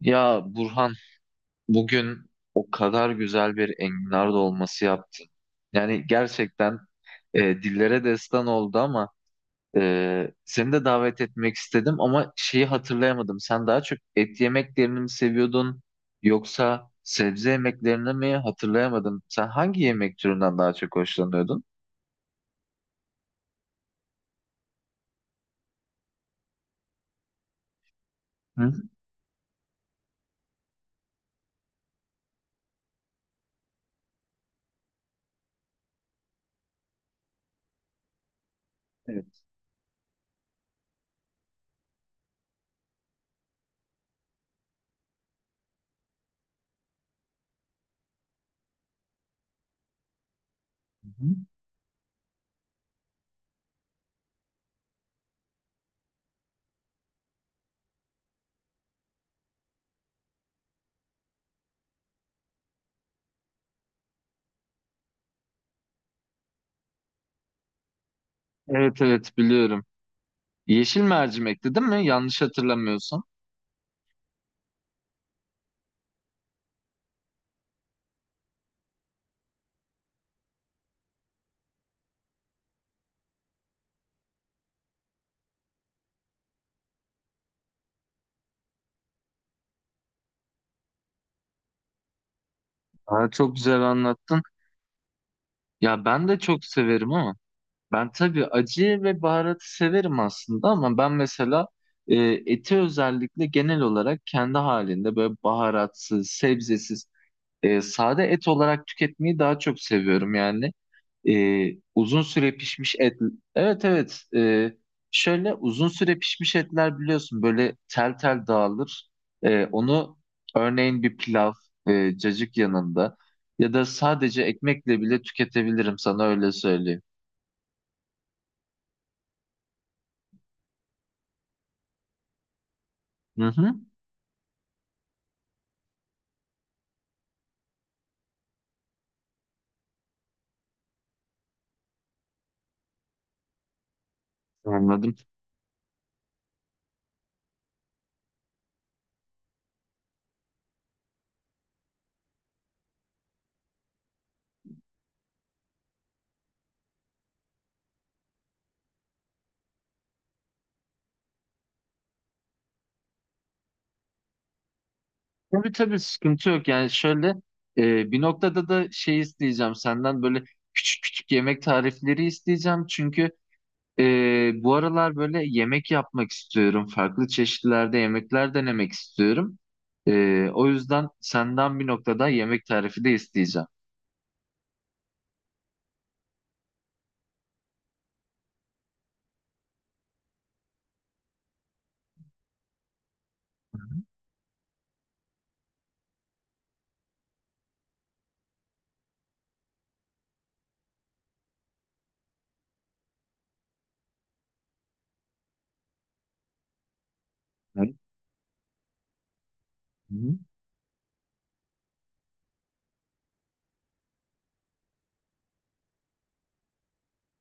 Ya Burhan, bugün o kadar güzel bir enginar dolması yaptın. Yani gerçekten dillere destan oldu. Ama seni de davet etmek istedim ama şeyi hatırlayamadım. Sen daha çok et yemeklerini mi seviyordun yoksa sebze yemeklerini mi hatırlayamadım. Sen hangi yemek türünden daha çok hoşlanıyordun? Hı? Evet. Hı hı. Evet, evet biliyorum. Yeşil mercimekti değil mi? Yanlış hatırlamıyorsun. Aa, çok güzel anlattın. Ya ben de çok severim ama. Ben tabii acı ve baharatı severim aslında, ama ben mesela e, eti özellikle genel olarak kendi halinde böyle baharatsız, sebzesiz, sade et olarak tüketmeyi daha çok seviyorum yani. Uzun süre pişmiş et. Evet, evet. Şöyle uzun süre pişmiş etler biliyorsun böyle tel tel dağılır. Onu örneğin bir pilav, cacık yanında ya da sadece ekmekle bile tüketebilirim, sana öyle söyleyeyim. Hı hı. Anladım. Tabii, tabii sıkıntı yok. Yani şöyle, bir noktada da şey isteyeceğim senden, böyle küçük küçük yemek tarifleri isteyeceğim. Çünkü e, bu aralar böyle yemek yapmak istiyorum. Farklı çeşitlerde yemekler denemek istiyorum. O yüzden senden bir noktada yemek tarifi de isteyeceğim. Hı hı. Evet. Hı hı.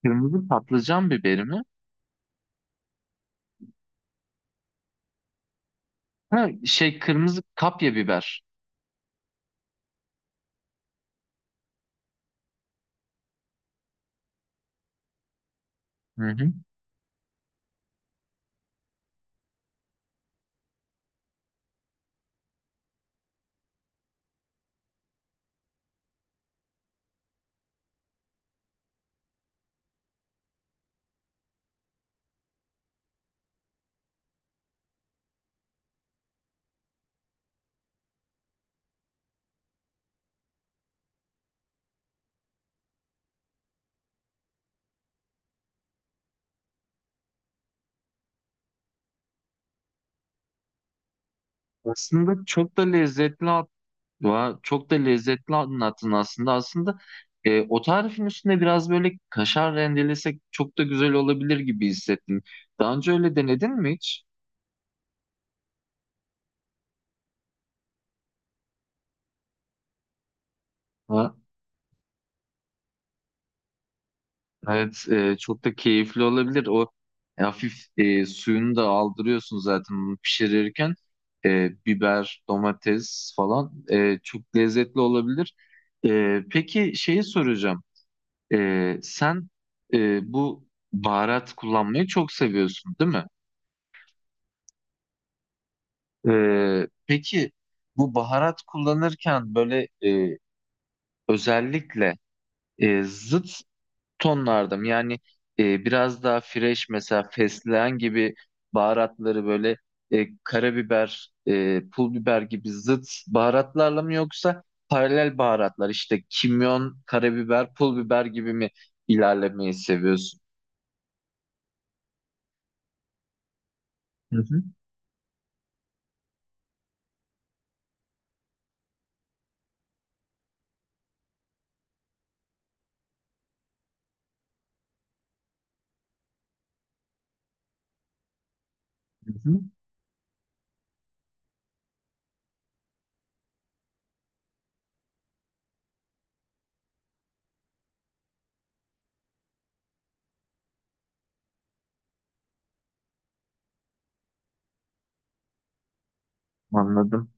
Kırmızı patlıcan biberi mi? Ha, şey kırmızı kapya biber. Hı hı. Aslında çok da lezzetli. Vay, çok da lezzetli anlattın aslında. Aslında o tarifin üstüne biraz böyle kaşar rendelesek çok da güzel olabilir gibi hissettim. Daha önce öyle denedin mi hiç? Ha, evet, çok da keyifli olabilir. O hafif, suyunu da aldırıyorsun zaten bunu pişirirken. Biber, domates falan çok lezzetli olabilir. Peki şeyi soracağım. Sen bu baharat kullanmayı çok seviyorsun, değil mi? Peki bu baharat kullanırken böyle, özellikle zıt tonlarda mı? Yani biraz daha fresh, mesela fesleğen gibi baharatları böyle, karabiber, pul biber gibi zıt baharatlarla mı, yoksa paralel baharatlar işte kimyon, karabiber, pul biber gibi mi ilerlemeyi seviyorsun? Hı hı, hı hı, anladım.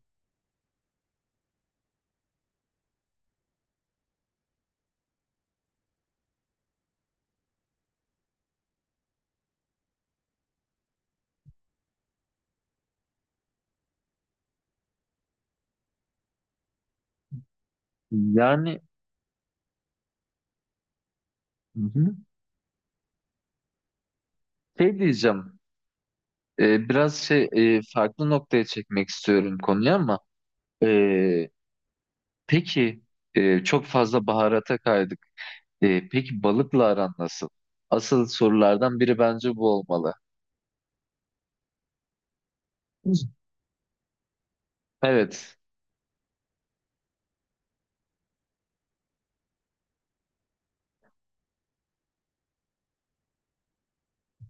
Yani hı hı. Şey diyeceğim. Biraz şey, farklı noktaya çekmek istiyorum konuyu ama e, peki, çok fazla baharata kaydık. Peki balıkla aran nasıl? Asıl sorulardan biri bence bu olmalı. Hı. Evet.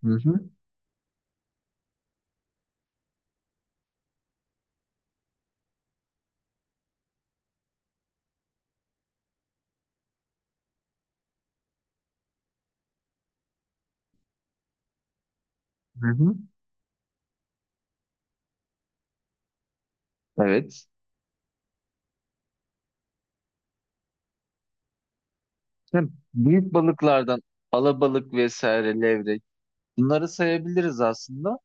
Hı hı, hı hı. Evet. Hem büyük balıklardan alabalık vesaire, levrek, bunları sayabiliriz aslında.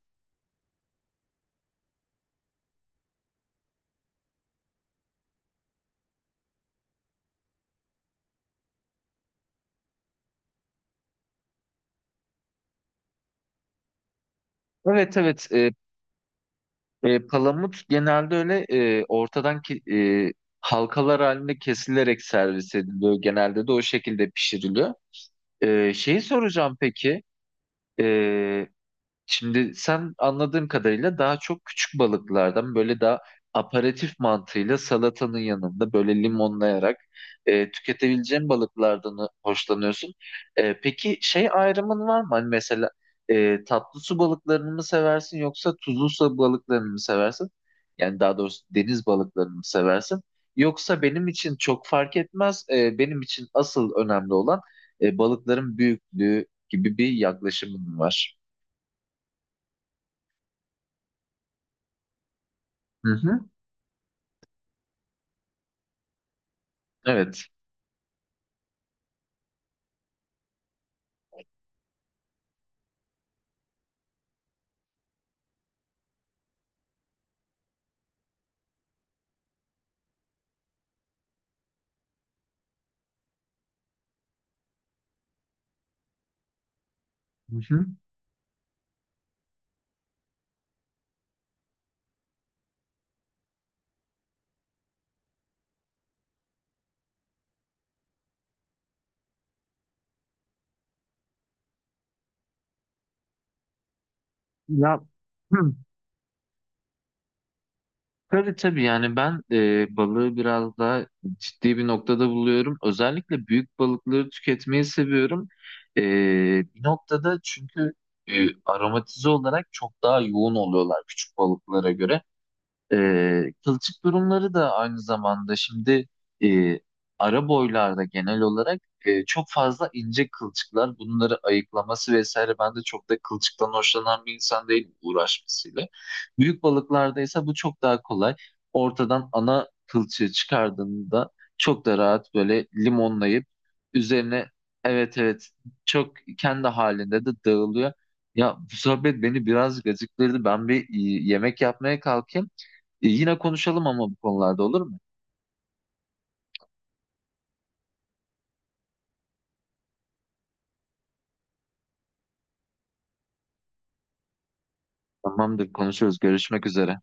Evet, evet. Palamut genelde öyle, ortadan ki, halkalar halinde kesilerek servis ediliyor. Genelde de o şekilde pişiriliyor. Şeyi soracağım peki. E, Şimdi sen anladığım kadarıyla daha çok küçük balıklardan, böyle daha aperatif mantığıyla salatanın yanında böyle limonlayarak tüketebileceğin balıklardan hoşlanıyorsun. Peki şey ayrımın var mı? Hani mesela tatlı su balıklarını mı seversin yoksa tuzlu su balıklarını mı seversin? Yani daha doğrusu deniz balıklarını mı seversin? Yoksa benim için çok fark etmez. Benim için asıl önemli olan balıkların büyüklüğü gibi bir yaklaşımın var. Hı hı. Evet. Hı hı. Ya hı. Tabii, tabii, yani ben balığı biraz daha ciddi bir noktada buluyorum. Özellikle büyük balıkları tüketmeyi seviyorum. E, Bir noktada, çünkü aromatize olarak çok daha yoğun oluyorlar küçük balıklara göre. Kılçık durumları da aynı zamanda, şimdi e, ara boylarda genel olarak çok fazla ince kılçıklar, bunları ayıklaması vesaire, ben de çok da kılçıktan hoşlanan bir insan değilim uğraşmasıyla. Büyük balıklarda ise bu çok daha kolay. Ortadan ana kılçığı çıkardığında çok da rahat böyle limonlayıp üzerine, evet, evet çok kendi halinde de dağılıyor. Ya bu sohbet beni biraz gacıktırdı. Ben bir yemek yapmaya kalkayım. Yine konuşalım ama bu konularda, olur mu? Tamamdır, konuşuruz. Görüşmek üzere.